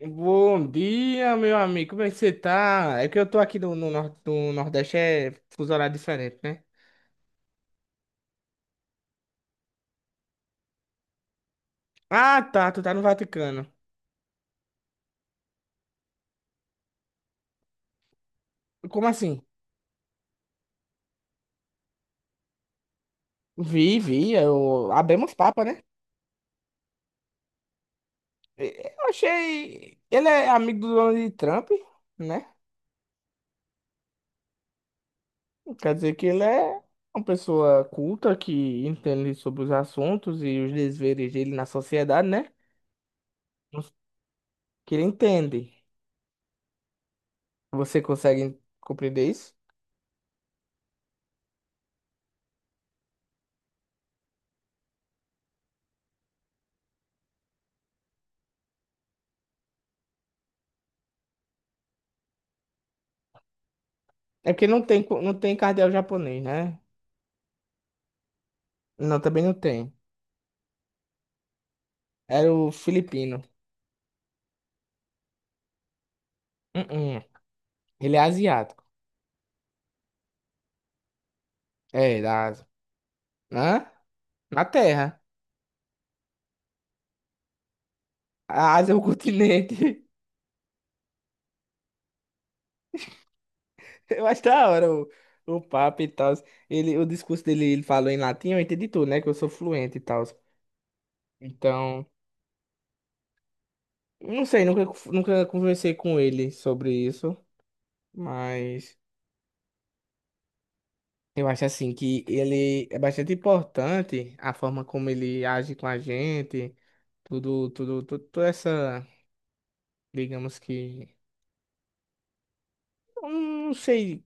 Bom dia, meu amigo. Como é que você tá? É que eu tô aqui no Nordeste, é fuso horário diferente, né? Ah, tá. Tu tá no Vaticano. Como assim? Vi, vi. Abemos papo, né? Eu achei. Ele é amigo do Donald Trump, né? Quer dizer que ele é uma pessoa culta que entende sobre os assuntos e os desveres dele na sociedade, né? Que ele entende. Você consegue compreender isso? É porque não tem cardeal japonês, né? Não, também não tem. Era o filipino. Uh-uh. Ele é asiático. É, da Ásia. Hã? Na Terra. A Ásia é o continente. Eu acho da hora o papo e tal. Ele, o discurso dele, ele falou em latim, eu entendi tudo, né? Que eu sou fluente e tal. Então, não sei, nunca conversei com ele sobre isso, mas eu acho assim que ele é bastante importante a forma como ele age com a gente, tudo, tudo, tudo, toda essa, digamos que. Eu não sei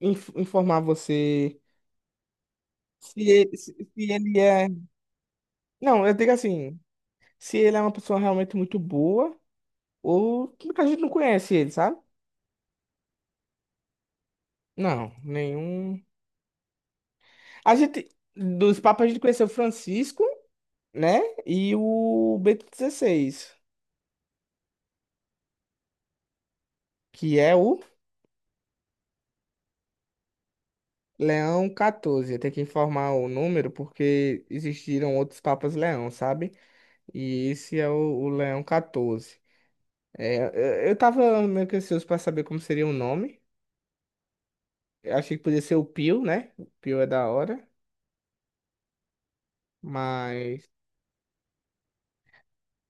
informar você se ele, se ele é. Não, eu digo assim, se ele é uma pessoa realmente muito boa ou que a gente não conhece ele, sabe? Não, nenhum. A gente, dos papas, a gente conheceu o Francisco, né? E o Bento XVI, que é o Leão XIV. Eu tenho que informar o número porque existiram outros papas Leão, sabe? E esse é o Leão XIV. É, eu tava meio que ansioso pra saber como seria o nome. Eu achei que podia ser o Pio, né? O Pio é da hora, mas.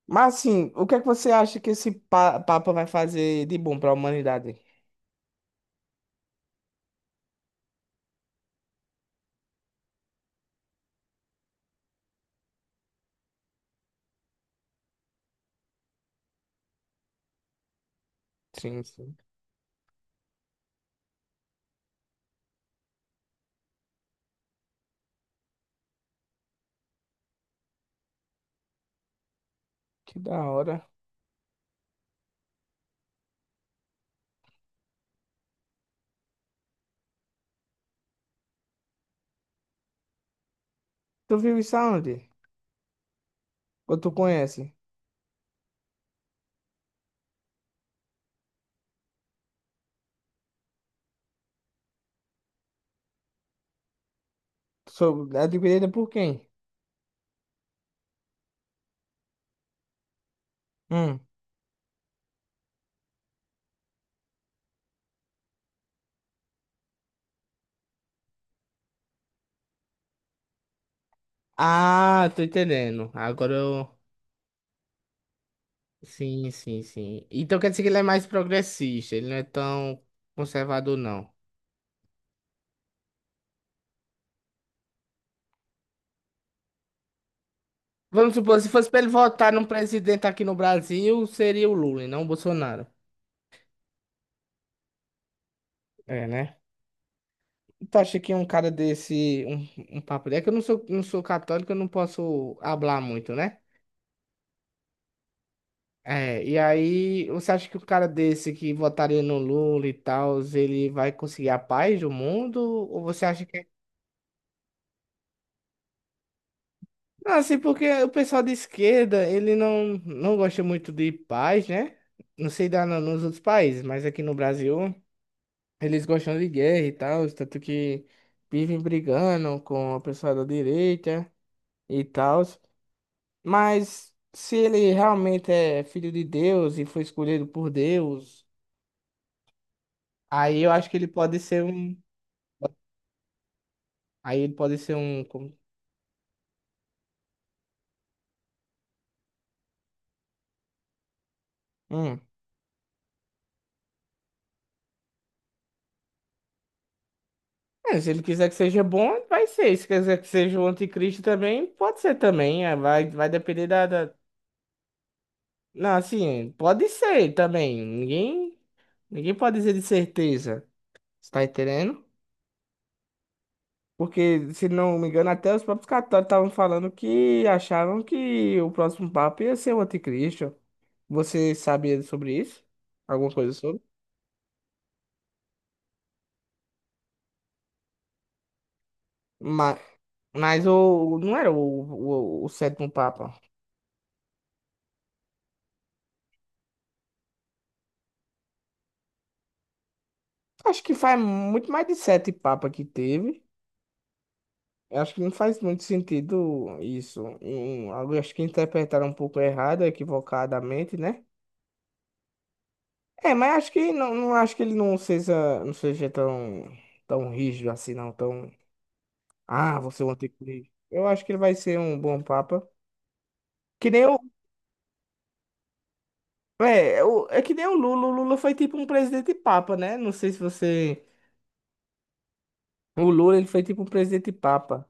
Mas, assim, o que é que você acha que esse Papa vai fazer de bom pra humanidade? Sim, sim. Que da hora. Tu viu isso aonde? Ou tu conhece? Sou adquirida por quem? Hum. Ah, tô entendendo. Sim, sim, sim. Então quer dizer que ele é mais progressista, ele não é tão conservador, não. Vamos supor, se fosse para ele votar num presidente aqui no Brasil, seria o Lula e não o Bolsonaro. É, né? Tu acha que um cara desse, um papo desse, é que eu não sou católico, eu não posso hablar muito, né? É, e aí, você acha que o cara desse que votaria no Lula e tal, ele vai conseguir a paz do mundo? Ou você acha que. Não, assim, porque o pessoal de esquerda, ele não gosta muito de paz, né? Não sei dar nos outros países, mas aqui no Brasil. Eles gostam de guerra e tal, tanto que vivem brigando com a pessoa da direita e tal. Mas se ele realmente é filho de Deus e foi escolhido por Deus, aí eu acho que ele pode ser um. Aí ele pode ser um. Hum. É, se ele quiser que seja bom, vai ser. Se quiser que seja o anticristo também, pode ser também. Vai depender da. Não, assim, pode ser também. Ninguém pode dizer de certeza. Você tá entendendo? Porque, se não me engano, até os próprios católicos estavam falando que achavam que o próximo Papa ia ser o anticristo. Você sabia sobre isso? Alguma coisa sobre? Mas, mas não era o sétimo Papa. Acho que faz muito mais de sete papas que teve. Eu acho que não faz muito sentido isso. Eu acho que interpretaram um pouco errado, equivocadamente, né? É, mas acho que não acho que ele não seja, tão rígido assim, não. Tão Ah, você é o anticristo. Eu acho que ele vai ser um bom papa. Que nem o, que nem o Lula. O Lula foi tipo um presidente papa, né? Não sei se você. O Lula, ele foi tipo um presidente papa.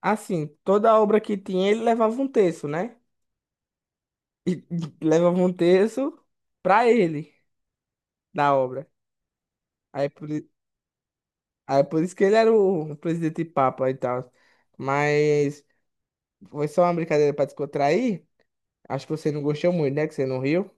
Assim, toda obra que tinha, ele levava um terço, né? E levava um terço pra ele da obra. Aí é por, i- aí é por isso que ele era o presidente papa e tal. Mas foi só uma brincadeira pra descontrair. Acho que você não gostou muito, né? Que você não riu.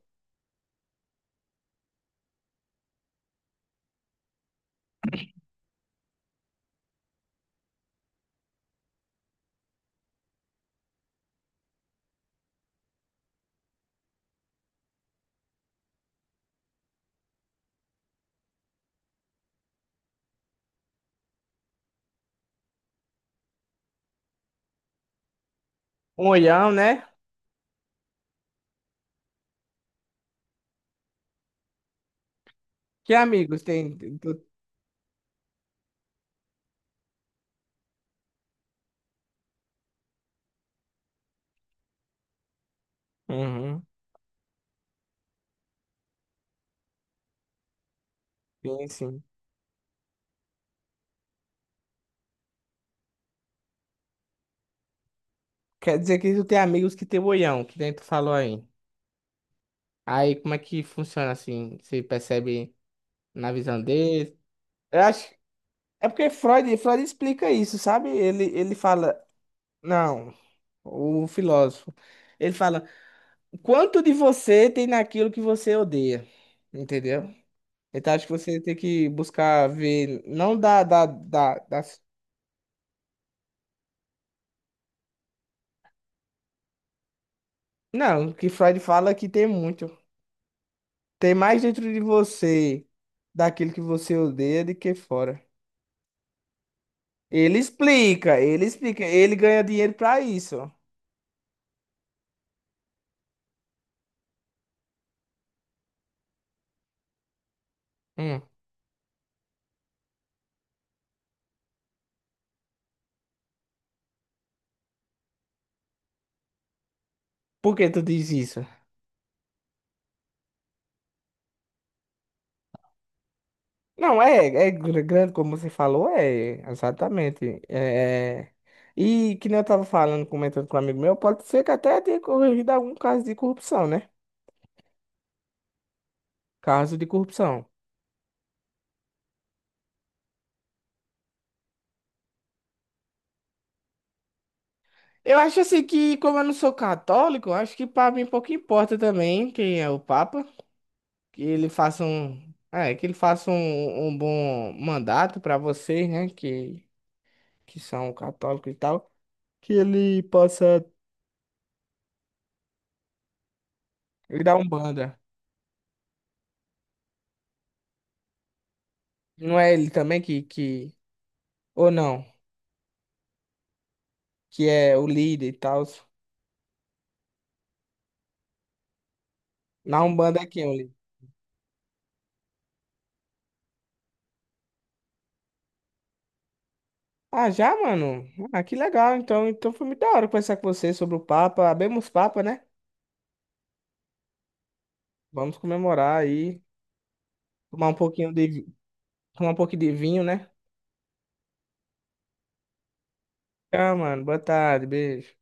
Um olhão, né? Que amigos tem? Uhum, sim, sim. Quer dizer que tu tem amigos que tem boião, que nem tu falou aí. Aí como é que funciona assim? Você percebe na visão dele? Eu acho. É porque Freud explica isso, sabe? Ele fala. Não, o filósofo. Ele fala: quanto de você tem naquilo que você odeia? Entendeu? Então acho que você tem que buscar ver. Não. Não, que Freud fala que tem muito. Tem mais dentro de você daquilo que você odeia do que fora. Ele explica, ele ganha dinheiro pra isso. Hum. Por que tu diz isso? Não, grande, como você falou, é, exatamente. É, e que nem eu tava falando, comentando com um amigo meu, pode ser que até tenha corrigido algum caso de corrupção, né? Caso de corrupção. Eu acho assim que, como eu não sou católico, eu acho que pra mim pouco importa também quem é o Papa. Que ele faça um bom mandato para vocês, né, que são católicos e tal, que ele possa ir dar Umbanda. Não é ele também que, ou não, que é o líder e tal. Na Umbanda é quem é o líder? Ah, já, mano? Ah, que legal. Então foi muito da hora conversar com você sobre o Papa. Abemos Papa, né? Vamos comemorar aí, tomar um pouquinho de vinho, né? Tá, mano. Boa tarde, beijo.